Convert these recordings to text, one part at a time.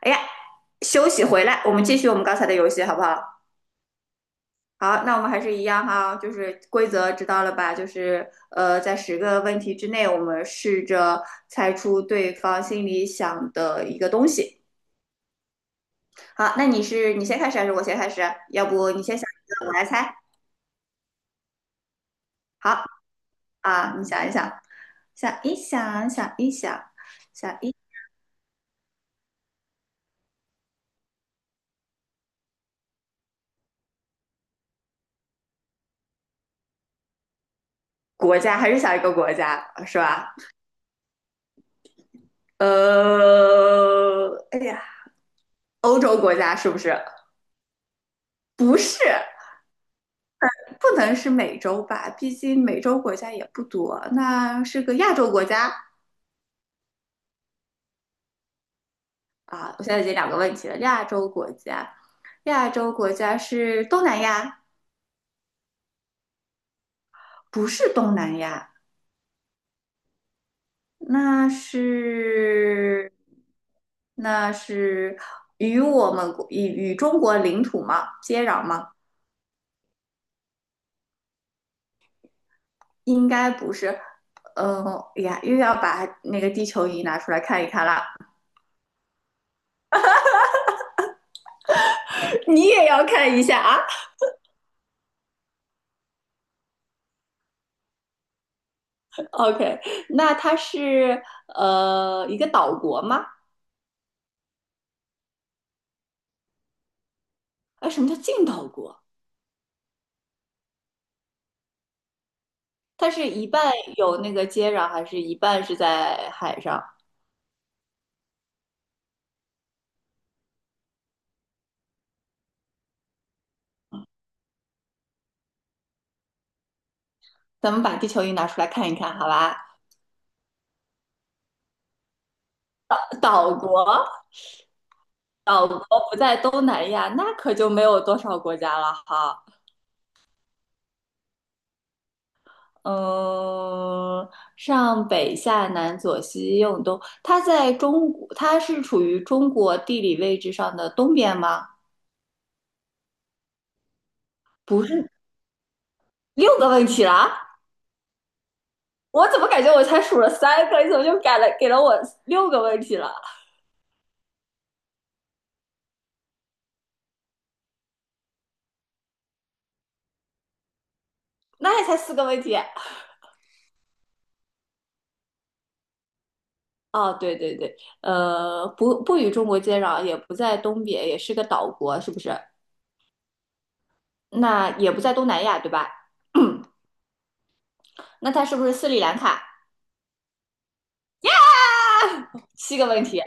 哎呀，休息回来，我们继续我们刚才的游戏，好不好？好，那我们还是一样哈，就是规则知道了吧？就是在10个问题之内，我们试着猜出对方心里想的一个东西。好，那你先开始还是我先开始啊？要不你先想一个，我来猜。好啊，你想一想，想一想，想一想，想一国家还是想一个国家是吧？哎呀，欧洲国家是不是？不是。不能是美洲吧，毕竟美洲国家也不多。那是个亚洲国家啊，我现在已经两个问题了。亚洲国家，亚洲国家是东南亚，不是东南亚，那是那是与我们国与与中国领土吗？接壤吗？应该不是。嗯、又要把那个地球仪拿出来看一看啦，你也要看一下啊。OK,那它是一个岛国吗？哎，什么叫近岛国？它是一半有那个接壤，还是一半是在海上？咱们把地球仪拿出来看一看，好吧？岛国，岛国不在东南亚，那可就没有多少国家了哈。嗯，上北下南左西右东，它在中国，它是处于中国地理位置上的东边吗？不是，六个问题了啊。我怎么感觉我才数了三个，你怎么就改了给了我六个问题了？那也才四个问题啊！对对对，不与中国接壤，也不在东边，也是个岛国，是不是？那也不在东南亚，对吧？那它是不是斯里兰卡？七个问题，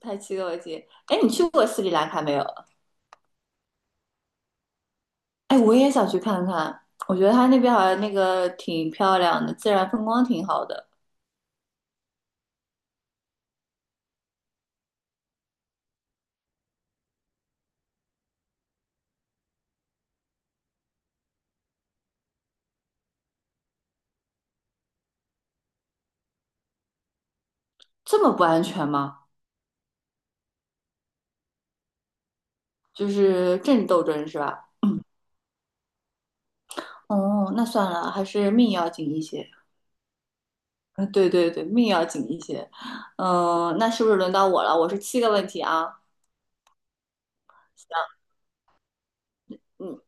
它七个问题。哎，你去过斯里兰卡没有？哎，我也想去看看，我觉得它那边好像那个挺漂亮的，自然风光挺好的。这么不安全吗？就是政治斗争是吧？哦，那算了，还是命要紧一些。嗯，对对对，命要紧一些。嗯，那是不是轮到我了？我是七个问题啊。嗯，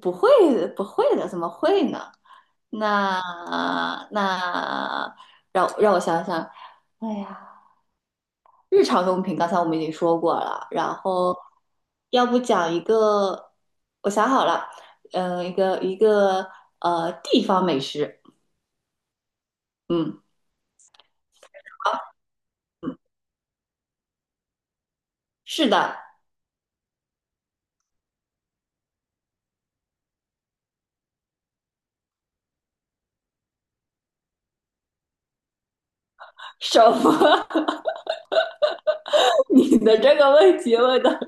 不会不会的，怎么会呢？那那让我想想，哎呀，日常用品刚才我们已经说过了，然后要不讲一个，我想好了，一个地方美食，嗯，是的，什么？你的这个问题问的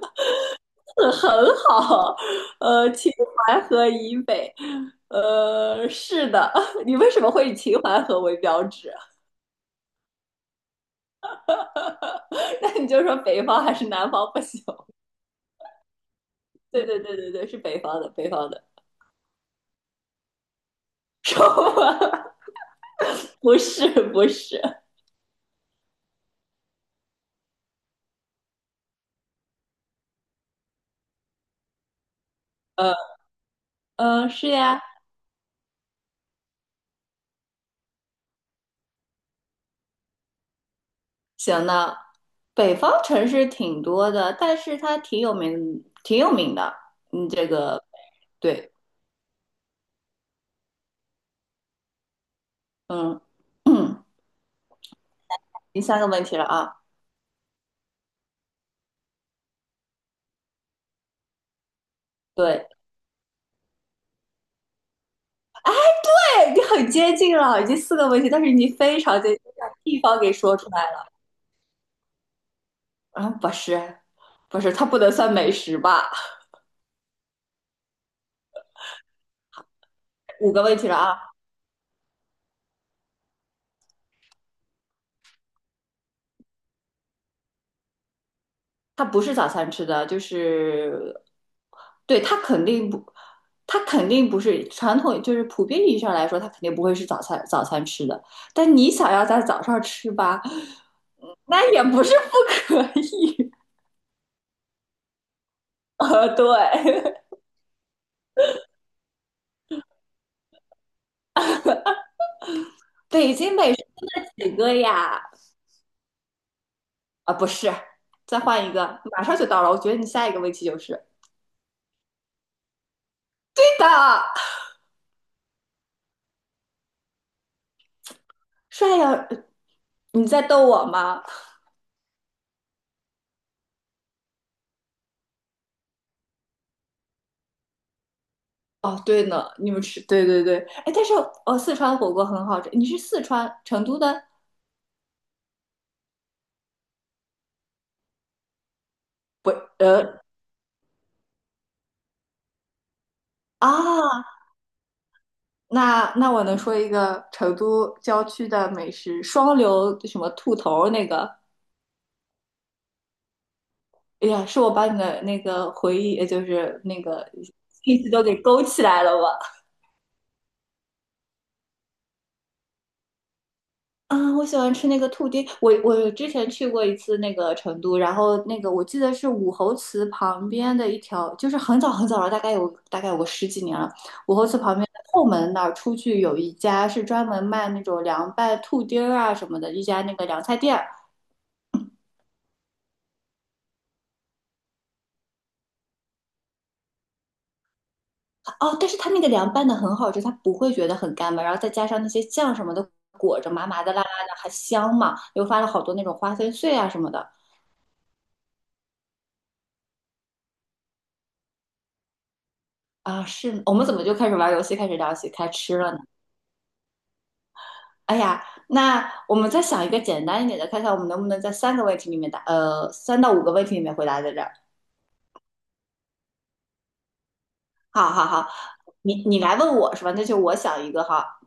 嗯，很好，秦淮河以北，是的，你为什么会以秦淮河为标志啊？那你就说北方还是南方不行？对对对对对，是北方的，北方的，说吧，不是不是，呃是呀，行呢，北方城市挺多的，但是它挺有名，挺有名的，嗯，这个对，嗯嗯，第三个问题了啊，对。哎你很接近了，已经四个问题，但是你非常接近，把地方给说出来了。啊，不是，不是，它不能算美食吧？五个问题了啊，它不是早餐吃的，就是，对，它肯定不是传统，就是普遍意义上来说，它肯定不会是早餐吃的。但你想要在早上吃吧，那也不是不可以。对，北京美食就那几个呀，啊，不是，再换一个，马上就到了。我觉得你下一个问题就是对的，帅呀！你在逗我吗？哦，对呢，你们吃，对对对，哎，但是哦，四川火锅很好吃。你是四川成都的？不，呃啊，那我能说一个成都郊区的美食，双流什么兔头那个？哎呀，是我把你的那个回忆，也就是那个信息都给勾起来了吧？啊，我喜欢吃那个兔丁。我之前去过一次那个成都，然后那个我记得是武侯祠旁边的一条，就是很早很早了，大概有个十几年了。武侯祠旁边的后门那儿出去有一家是专门卖那种凉拌兔丁儿啊什么的，一家那个凉菜店儿。哦，但是它那个凉拌的很好吃，它不会觉得很干巴，然后再加上那些酱什么的裹着，麻麻的、辣辣的，还香嘛，又发了好多那种花生碎啊什么的。啊，是，我们怎么就开始玩游戏，开始聊起开吃了呢？哎呀，那我们再想一个简单一点的，看看我们能不能在三个问题里面答，三到五个问题里面回答在这儿。好好好，你来问我是吧？那就我想一个哈，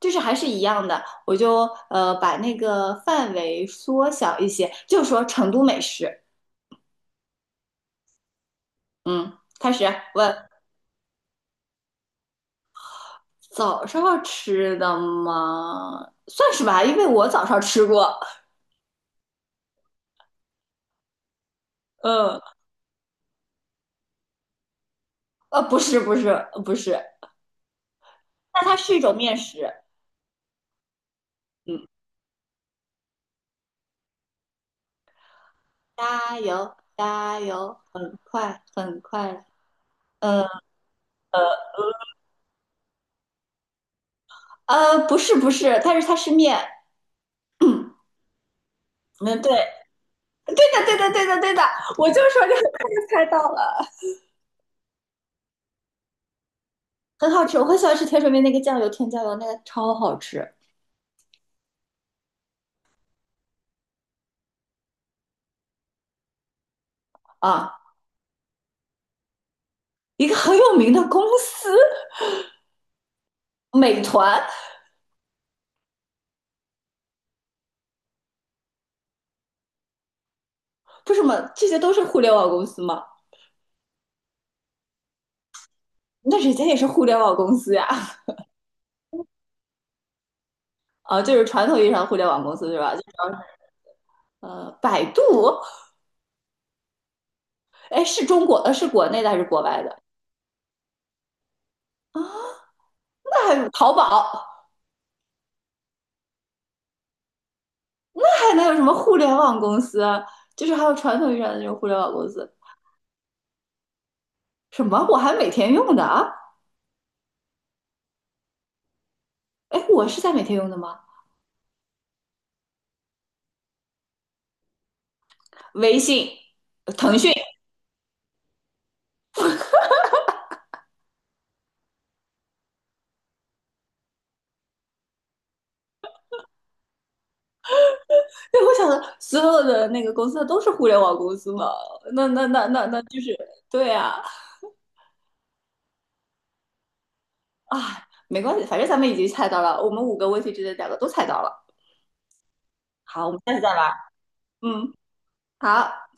就是还是一样的，我就把那个范围缩小一些，就说成都美食。嗯，开始问早上吃的吗？算是吧，因为我早上吃过。嗯，不是不是不是，那它是一种面食。嗯。加油，加油，很快，很快。呃不是不是，它是面。嗯，对，对的，对的，对的，对的，我就说你很快就猜到了，很好吃。我很喜欢吃甜水面那个酱油，甜酱油那个超好吃啊！一个很有名的公司，美团，不是吗？这些都是互联网公司吗？那人家也是互联网公司呀，啊，就是传统意义上的互联网公司对吧？就主要是百度，哎，是中国呃是国内的还是国外的？淘宝还能有什么互联网公司，就是还有传统意义上的那种互联网公司。什么？我还每天用的啊？哎，我是在每天用的吗？微信、腾讯，对，我想的所有的那个公司都是互联网公司嘛？那就是对啊。啊，没关系，反正咱们已经猜到了，我们五个问题之内两个都猜到了。好，我们下次再玩。嗯，好。